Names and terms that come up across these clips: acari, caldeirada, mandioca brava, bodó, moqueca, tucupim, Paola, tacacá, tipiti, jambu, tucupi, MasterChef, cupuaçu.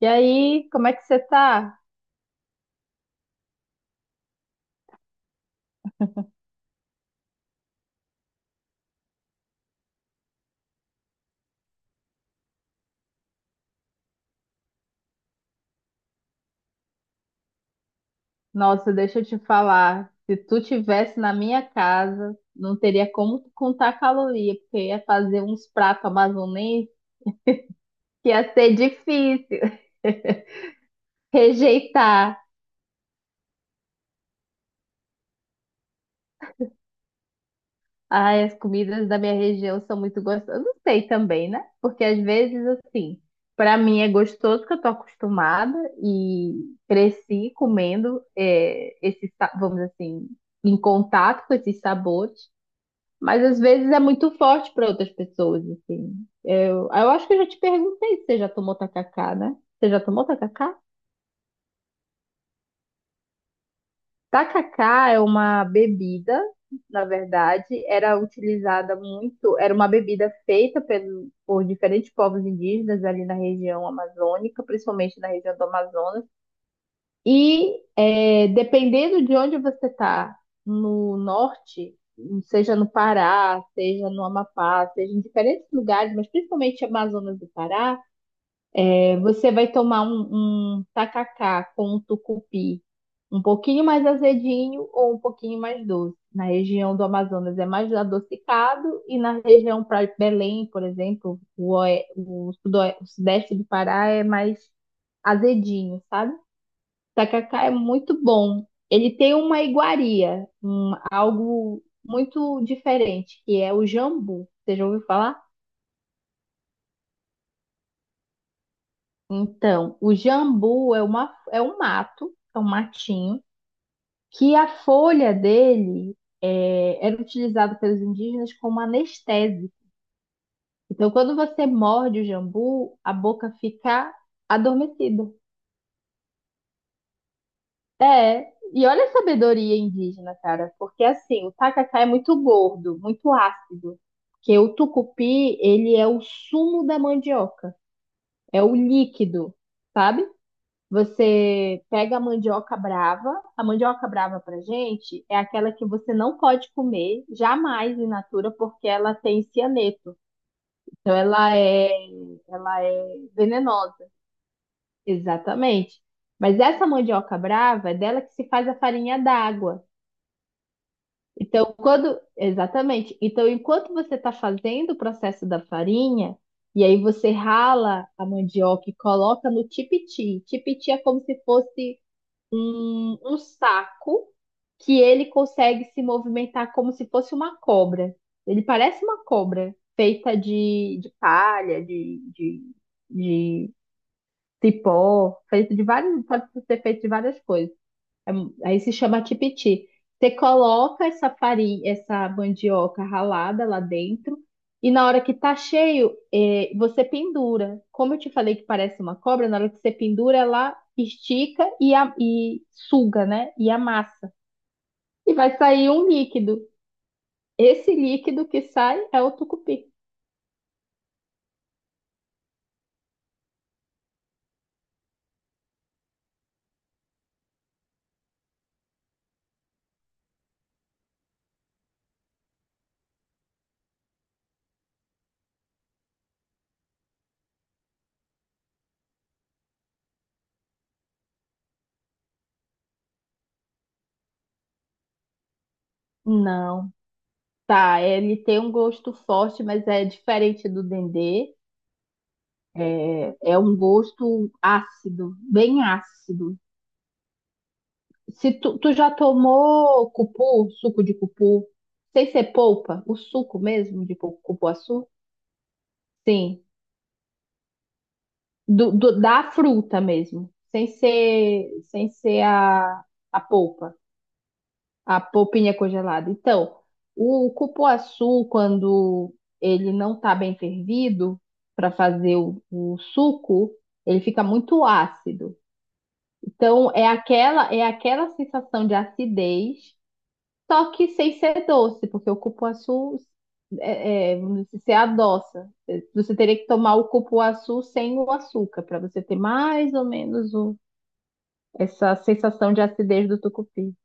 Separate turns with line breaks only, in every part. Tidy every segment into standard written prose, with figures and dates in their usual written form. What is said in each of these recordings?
E aí, como é que você tá? Nossa, deixa eu te falar. Se tu tivesse na minha casa, não teria como contar caloria, porque ia fazer uns pratos amazonenses que ia ser difícil rejeitar. Ai, as comidas da minha região são muito gostosas. Não sei também, né? Porque às vezes, assim, pra mim é gostoso que eu tô acostumada e cresci comendo esse, vamos dizer assim, em contato com esses sabores. Mas às vezes é muito forte para outras pessoas, assim. Eu acho que eu já te perguntei se você já tomou tacacá, né? Você já tomou tacacá? Tacacá é uma bebida, na verdade, era utilizada muito, era uma bebida feita por diferentes povos indígenas ali na região amazônica, principalmente na região do Amazonas. E é, dependendo de onde você está, no norte, seja no Pará, seja no Amapá, seja em diferentes lugares, mas principalmente Amazonas do Pará, é, você vai tomar um tacacá com um tucupi um pouquinho mais azedinho ou um pouquinho mais doce. Na região do Amazonas é mais adocicado e na região para Belém, por exemplo, o o sudeste do Pará é mais azedinho, sabe? Tacacá é muito bom. Ele tem uma iguaria, algo muito diferente, que é o jambu. Você já ouviu falar? Então, o jambu é é um mato, é um matinho, que a folha dele é, era utilizada pelos indígenas como anestésico. Então, quando você morde o jambu, a boca fica adormecida. É, e olha a sabedoria indígena, cara, porque assim, o tacacá é muito gordo, muito ácido, porque o tucupi, ele é o sumo da mandioca, é o líquido, sabe? Você pega a mandioca brava pra gente é aquela que você não pode comer jamais in natura porque ela tem cianeto, então ela é venenosa, exatamente. Mas essa mandioca brava é dela que se faz a farinha d'água. Então, quando. Exatamente. Então, enquanto você está fazendo o processo da farinha, e aí você rala a mandioca e coloca no tipiti. Tipiti é como se fosse um saco que ele consegue se movimentar como se fosse uma cobra. Ele parece uma cobra, feita de palha, de cipó, feito de vários, pode ser feito de várias coisas. Aí se chama tipiti. Você coloca essa farinha, essa mandioca ralada lá dentro, e na hora que tá cheio, você pendura. Como eu te falei que parece uma cobra, na hora que você pendura, ela estica e suga, né? E amassa. E vai sair um líquido. Esse líquido que sai é o tucupi. Não, tá. Ele tem um gosto forte, mas é diferente do dendê. É um gosto ácido, bem ácido. Se tu já tomou cupu, suco de cupu, sem ser polpa, o suco mesmo de cupuaçu? Sim, da fruta mesmo, sem ser a polpa, a polpinha congelada. Então, o cupuaçu, quando ele não está bem fervido para fazer o suco, ele fica muito ácido. Então, é aquela sensação de acidez. Só que sem ser doce, porque o cupuaçu, vamos dizer, se adoça. Você teria que tomar o cupuaçu sem o açúcar, para você ter mais ou menos essa sensação de acidez do tucupi.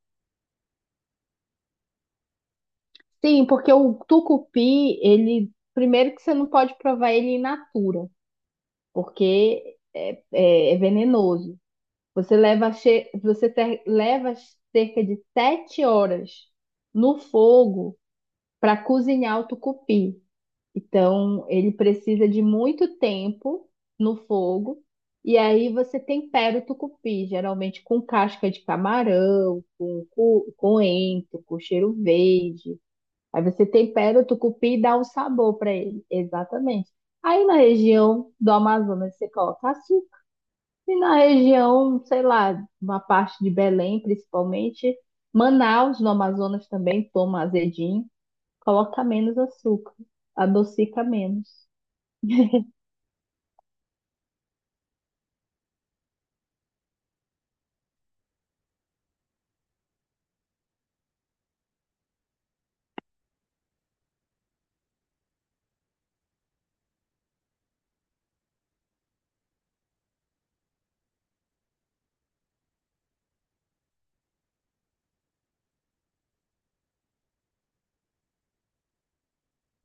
Sim, porque o tucupi, ele, primeiro que você não pode provar ele in natura, porque é venenoso. Você leva cerca de 7 horas no fogo para cozinhar o tucupi. Então, ele precisa de muito tempo no fogo. E aí você tempera o tucupi, geralmente com casca de camarão, com coentro, com cheiro verde. Aí você tempera o tucupi e dá um sabor para ele. Exatamente. Aí na região do Amazonas você coloca açúcar. E na região, sei lá, uma parte de Belém, principalmente, Manaus, no Amazonas também toma azedinho, coloca menos açúcar, adocica menos.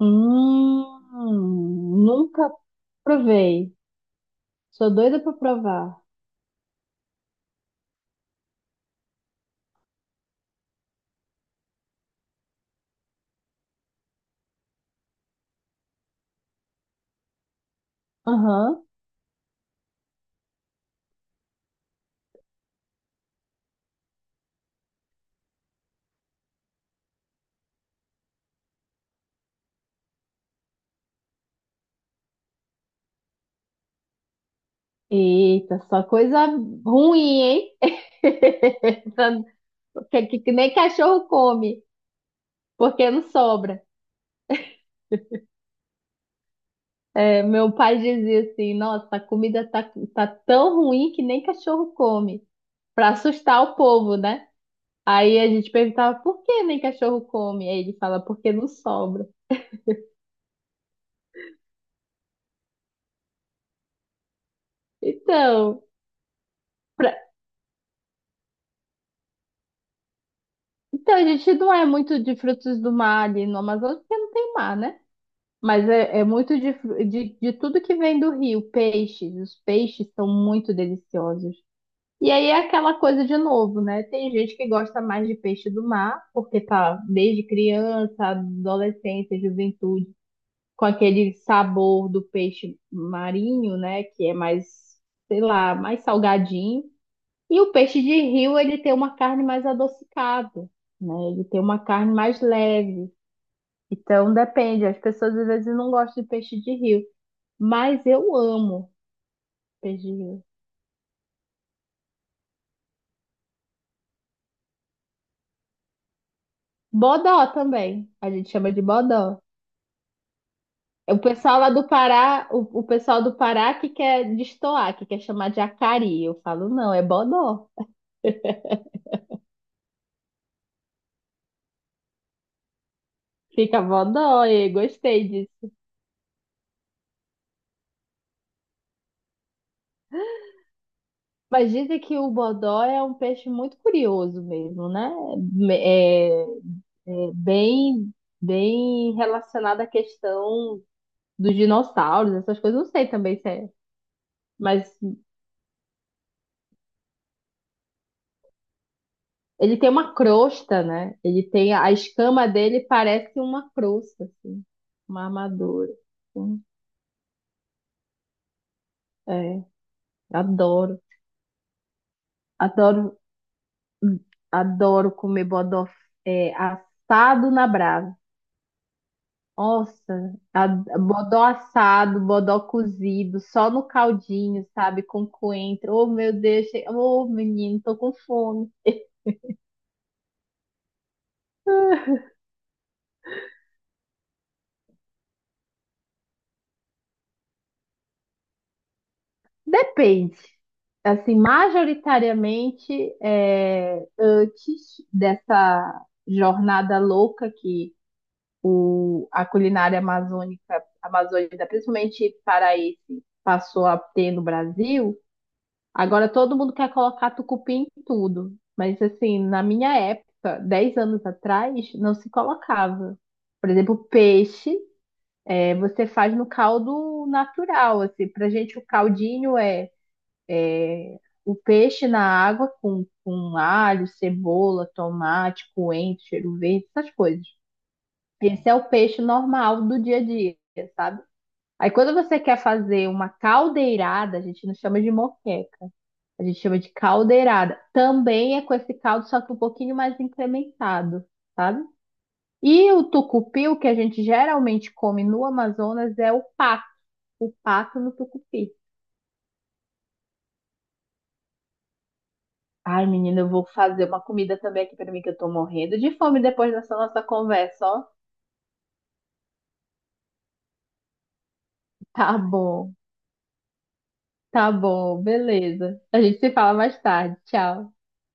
Hum, nunca provei. Sou doida pra provar. Aham. Eita, só coisa ruim, hein? Que, que nem cachorro come, porque não sobra. É, meu pai dizia assim: nossa, a comida tá tão ruim que nem cachorro come, pra assustar o povo, né? Aí a gente perguntava: por que nem cachorro come? Aí ele fala: porque não sobra. Então. Então, a gente não é muito de frutos do mar ali no Amazonas, porque não tem mar, né? Mas é muito de, de tudo que vem do rio, peixes. Os peixes são muito deliciosos. E aí é aquela coisa de novo, né? Tem gente que gosta mais de peixe do mar, porque tá desde criança, adolescência, juventude, com aquele sabor do peixe marinho, né? Que é mais, sei lá, mais salgadinho. E o peixe de rio, ele tem uma carne mais adocicada, né? Ele tem uma carne mais leve. Então, depende. As pessoas às vezes não gostam de peixe de rio, mas eu amo peixe de rio. Bodó também. A gente chama de bodó. É. O pessoal lá do Pará, o pessoal do Pará que quer destoar, que quer chamar de acari. Eu falo, não, é bodó. Fica bodó, e gostei disso. Mas dizem que o bodó é um peixe muito curioso mesmo, né? É, é, bem, bem relacionada à questão dos dinossauros, essas coisas, não sei também se é. Mas ele tem uma crosta, né? Ele tem a escama dele parece uma crosta, assim, uma armadura, assim. É, adoro, adoro, adoro comer bodó, é, assado na brasa. Nossa, bodó assado, bodó cozido, só no caldinho, sabe? Com coentro. Oh, meu Deus, che- oh, menino, tô com fome. Depende. Assim, majoritariamente, é, antes dessa jornada louca que a culinária amazônica, principalmente paraense, passou a ter no Brasil, agora todo mundo quer colocar tucupim em tudo. Mas, assim, na minha época, 10 anos atrás, não se colocava. Por exemplo, peixe, é, você faz no caldo natural, assim. Pra gente, o caldinho é o peixe na água com alho, cebola, tomate, coentro, cheiro verde, essas coisas. Esse é o peixe normal do dia a dia, sabe? Aí quando você quer fazer uma caldeirada, a gente não chama de moqueca, a gente chama de caldeirada. Também é com esse caldo, só que um pouquinho mais incrementado, sabe? E o tucupi, o que a gente geralmente come no Amazonas, é o pato no tucupi. Ai, menina, eu vou fazer uma comida também aqui pra mim, que eu tô morrendo de fome depois dessa nossa conversa, ó. Tá bom, tá bom, beleza. A gente se fala mais tarde. Tchau.